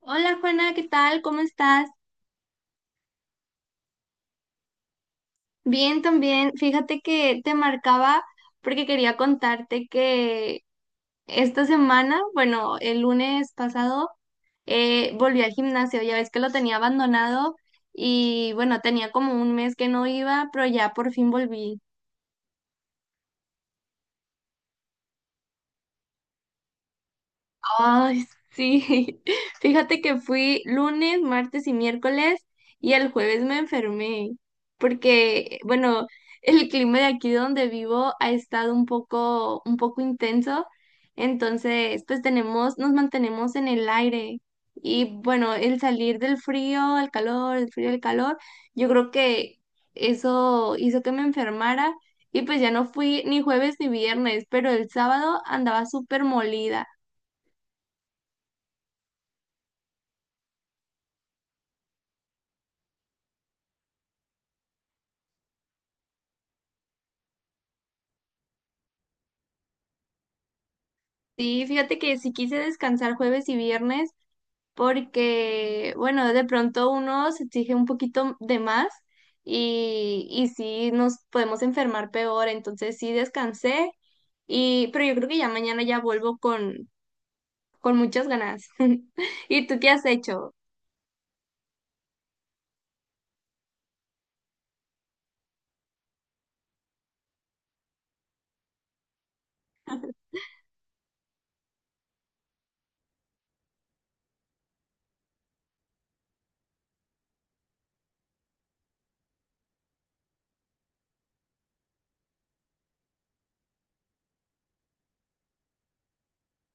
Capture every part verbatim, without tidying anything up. Hola Juana, ¿qué tal? ¿Cómo estás? Bien también. Fíjate que te marcaba porque quería contarte que esta semana, bueno, el lunes pasado, eh, volví al gimnasio. Ya ves que lo tenía abandonado y bueno, tenía como un mes que no iba, pero ya por fin volví. Ay, sí. Fíjate que fui lunes, martes y miércoles y el jueves me enfermé porque, bueno, el clima de aquí donde vivo ha estado un poco, un poco intenso. Entonces, pues tenemos, nos mantenemos en el aire. Y bueno, el salir del frío al calor, el frío al calor, yo creo que eso hizo que me enfermara. Y pues ya no fui ni jueves ni viernes, pero el sábado andaba súper molida. Sí, fíjate que sí quise descansar jueves y viernes porque, bueno, de pronto uno se exige un poquito de más y, y sí nos podemos enfermar peor, entonces sí descansé y, pero yo creo que ya mañana ya vuelvo con, con muchas ganas. ¿Y tú qué has hecho?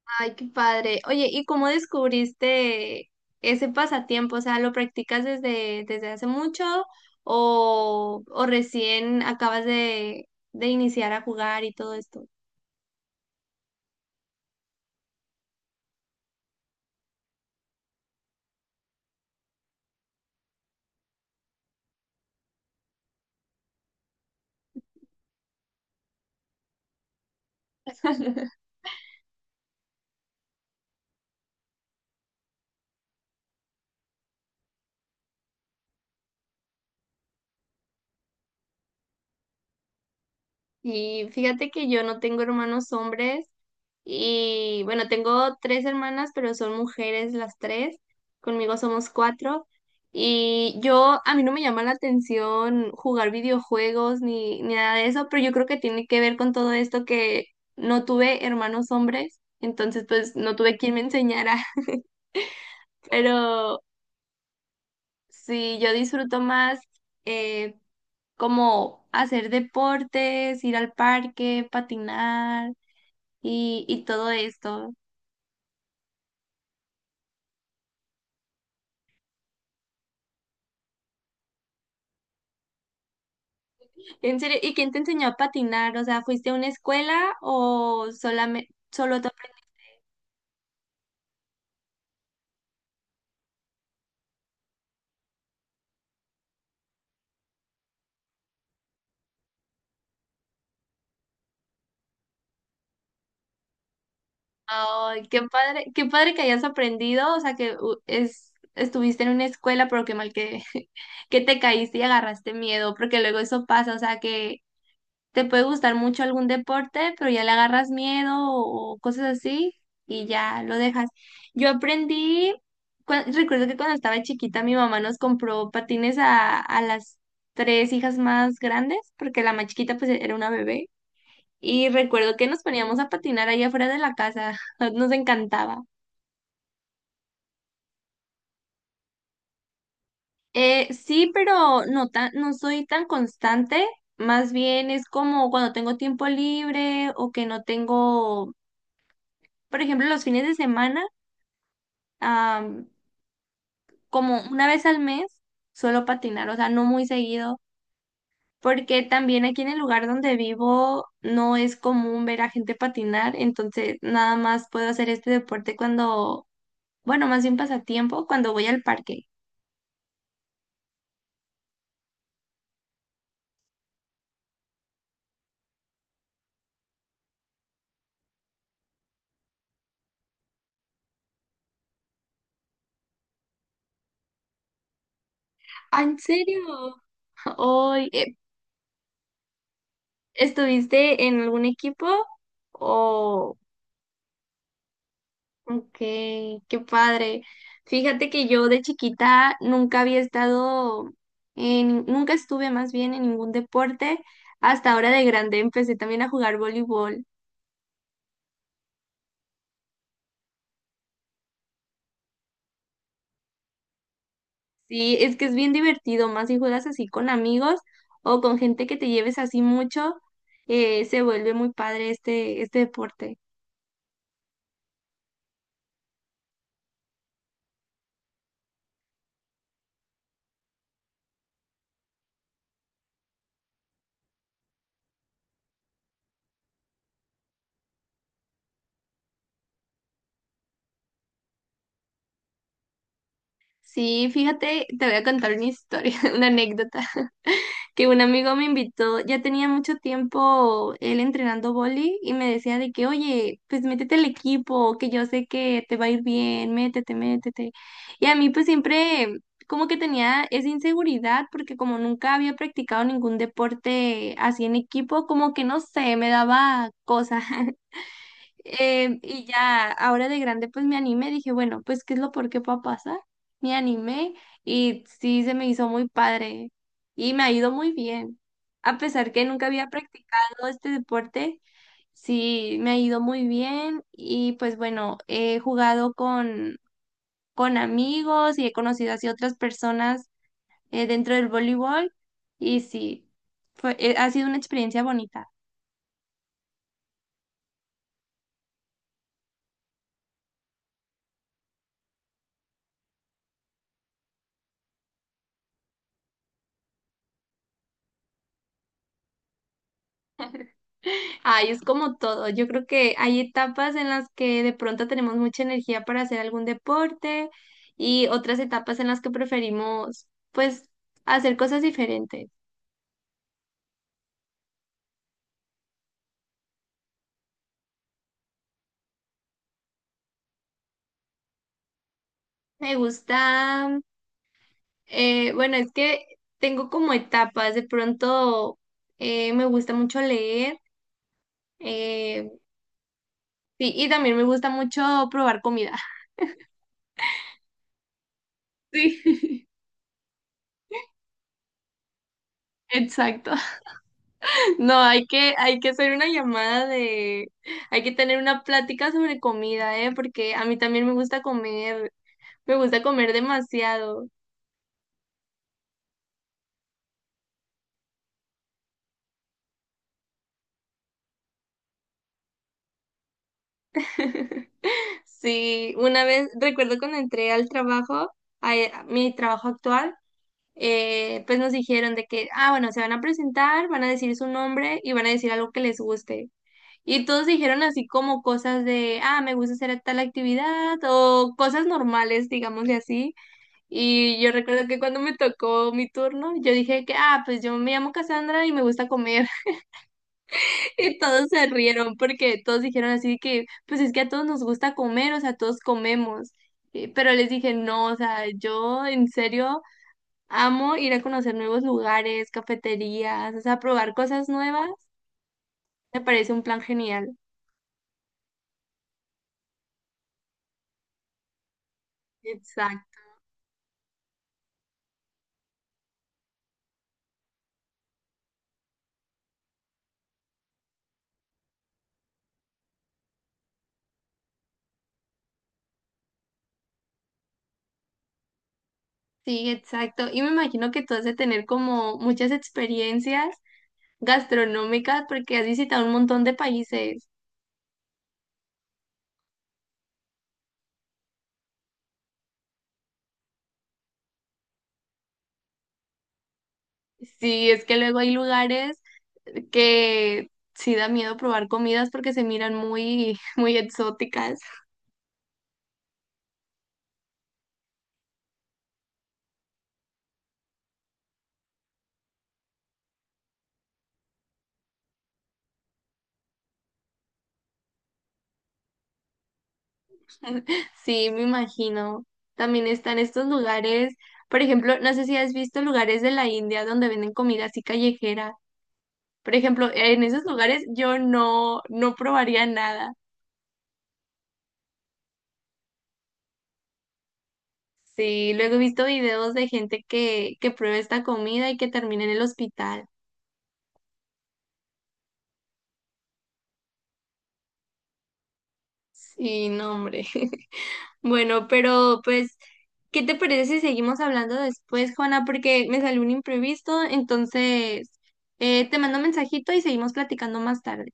Ay, qué padre. Oye, ¿y cómo descubriste ese pasatiempo? O sea, ¿lo practicas desde, desde hace mucho o, o recién acabas de, de iniciar a jugar y todo esto? Y fíjate que yo no tengo hermanos hombres. Y bueno, tengo tres hermanas, pero son mujeres las tres. Conmigo somos cuatro. Y yo, a mí no me llama la atención jugar videojuegos ni, ni nada de eso, pero yo creo que tiene que ver con todo esto que no tuve hermanos hombres, entonces pues no tuve quien me enseñara. Pero sí, yo disfruto más eh, como hacer deportes, ir al parque, patinar y, y todo esto. En serio, ¿y quién te enseñó a patinar? O sea, ¿fuiste a una escuela o solamente solo te apre- Ay, qué padre, qué padre que hayas aprendido, o sea, que u- es estuviste en una escuela, pero qué mal que que te caíste y agarraste miedo, porque luego eso pasa, o sea, que te puede gustar mucho algún deporte, pero ya le agarras miedo o, o cosas así y ya lo dejas. Yo aprendí, cua- recuerdo que cuando estaba chiquita mi mamá nos compró patines a, a las tres hijas más grandes, porque la más chiquita pues era una bebé. Y recuerdo que nos poníamos a patinar ahí afuera de la casa, nos encantaba. Eh, sí, pero no tan, no soy tan constante, más bien es como cuando tengo tiempo libre o que no tengo, por ejemplo, los fines de semana, am, como una vez al mes suelo patinar, o sea, no muy seguido, porque también aquí en el lugar donde vivo no es común ver a gente patinar, entonces nada más puedo hacer este deporte cuando, bueno, más bien pasatiempo, cuando voy al parque. Ah, ¿en serio? Hoy, eh, ¿estuviste en algún equipo o...? Ok, qué padre. Fíjate que yo de chiquita nunca había estado en, nunca estuve más bien en ningún deporte. Hasta ahora de grande empecé también a jugar voleibol. Sí, es que es bien divertido, más si juegas así con amigos o con gente que te lleves así mucho, eh, se vuelve muy padre este, este deporte. Sí, fíjate, te voy a contar una historia, una anécdota, que un amigo me invitó, ya tenía mucho tiempo él entrenando vóley y me decía de que, oye, pues métete al equipo, que yo sé que te va a ir bien, métete, métete. Y a mí pues siempre como que tenía esa inseguridad porque como nunca había practicado ningún deporte así en equipo, como que no sé, me daba cosa. Em, y ya, ahora de grande, pues me animé, dije, bueno, pues, ¿qué es lo peor que pueda pasar? Me animé y sí, se me hizo muy padre y me ha ido muy bien. A pesar que nunca había practicado este deporte, sí, me ha ido muy bien y pues bueno, he jugado con, con amigos y he conocido así otras personas, eh, dentro del voleibol y sí, fue, eh, ha sido una experiencia bonita. Ay, es como todo. Yo creo que hay etapas en las que de pronto tenemos mucha energía para hacer algún deporte y otras etapas en las que preferimos, pues, hacer cosas diferentes. Me gusta, eh, bueno, es que tengo como etapas. De pronto eh, me gusta mucho leer, eh, sí, y también me gusta mucho probar comida. Sí, exacto. No, hay que, hay que hacer una llamada de, hay que tener una plática sobre comida, ¿eh? Porque a mí también me gusta comer, me gusta comer demasiado. Sí, una vez, recuerdo cuando entré al trabajo, a, e, a mi trabajo actual, eh, pues nos dijeron de que, ah, bueno, se van a presentar, van a decir su nombre y van a decir algo que les guste. Y todos dijeron así como cosas de, ah, me gusta hacer tal actividad o cosas normales, digámosle así. Y yo recuerdo que cuando me tocó mi turno, yo dije que, ah, pues yo me llamo Cassandra y me gusta comer. Y todos se rieron porque todos dijeron así que, pues es que a todos nos gusta comer, o sea, todos comemos. Eh, Pero les dije, no, o sea, yo en serio amo ir a conocer nuevos lugares, cafeterías, o sea, probar cosas nuevas. Me parece un plan genial. Exacto. Sí, exacto. Y me imagino que tú has de tener como muchas experiencias gastronómicas porque has visitado un montón de países. Sí, es que luego hay lugares que sí da miedo probar comidas porque se miran muy, muy exóticas. Sí, me imagino. También están estos lugares, por ejemplo, no sé si has visto lugares de la India donde venden comida así callejera. Por ejemplo, en esos lugares yo no, no probaría nada. Sí, luego he visto videos de gente que, que prueba esta comida y que termina en el hospital. Sí, no, hombre. Bueno, pero pues, ¿qué te parece si seguimos hablando después, Juana? Porque me salió un imprevisto, entonces eh, te mando un mensajito y seguimos platicando más tarde.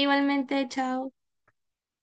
Igualmente, chao.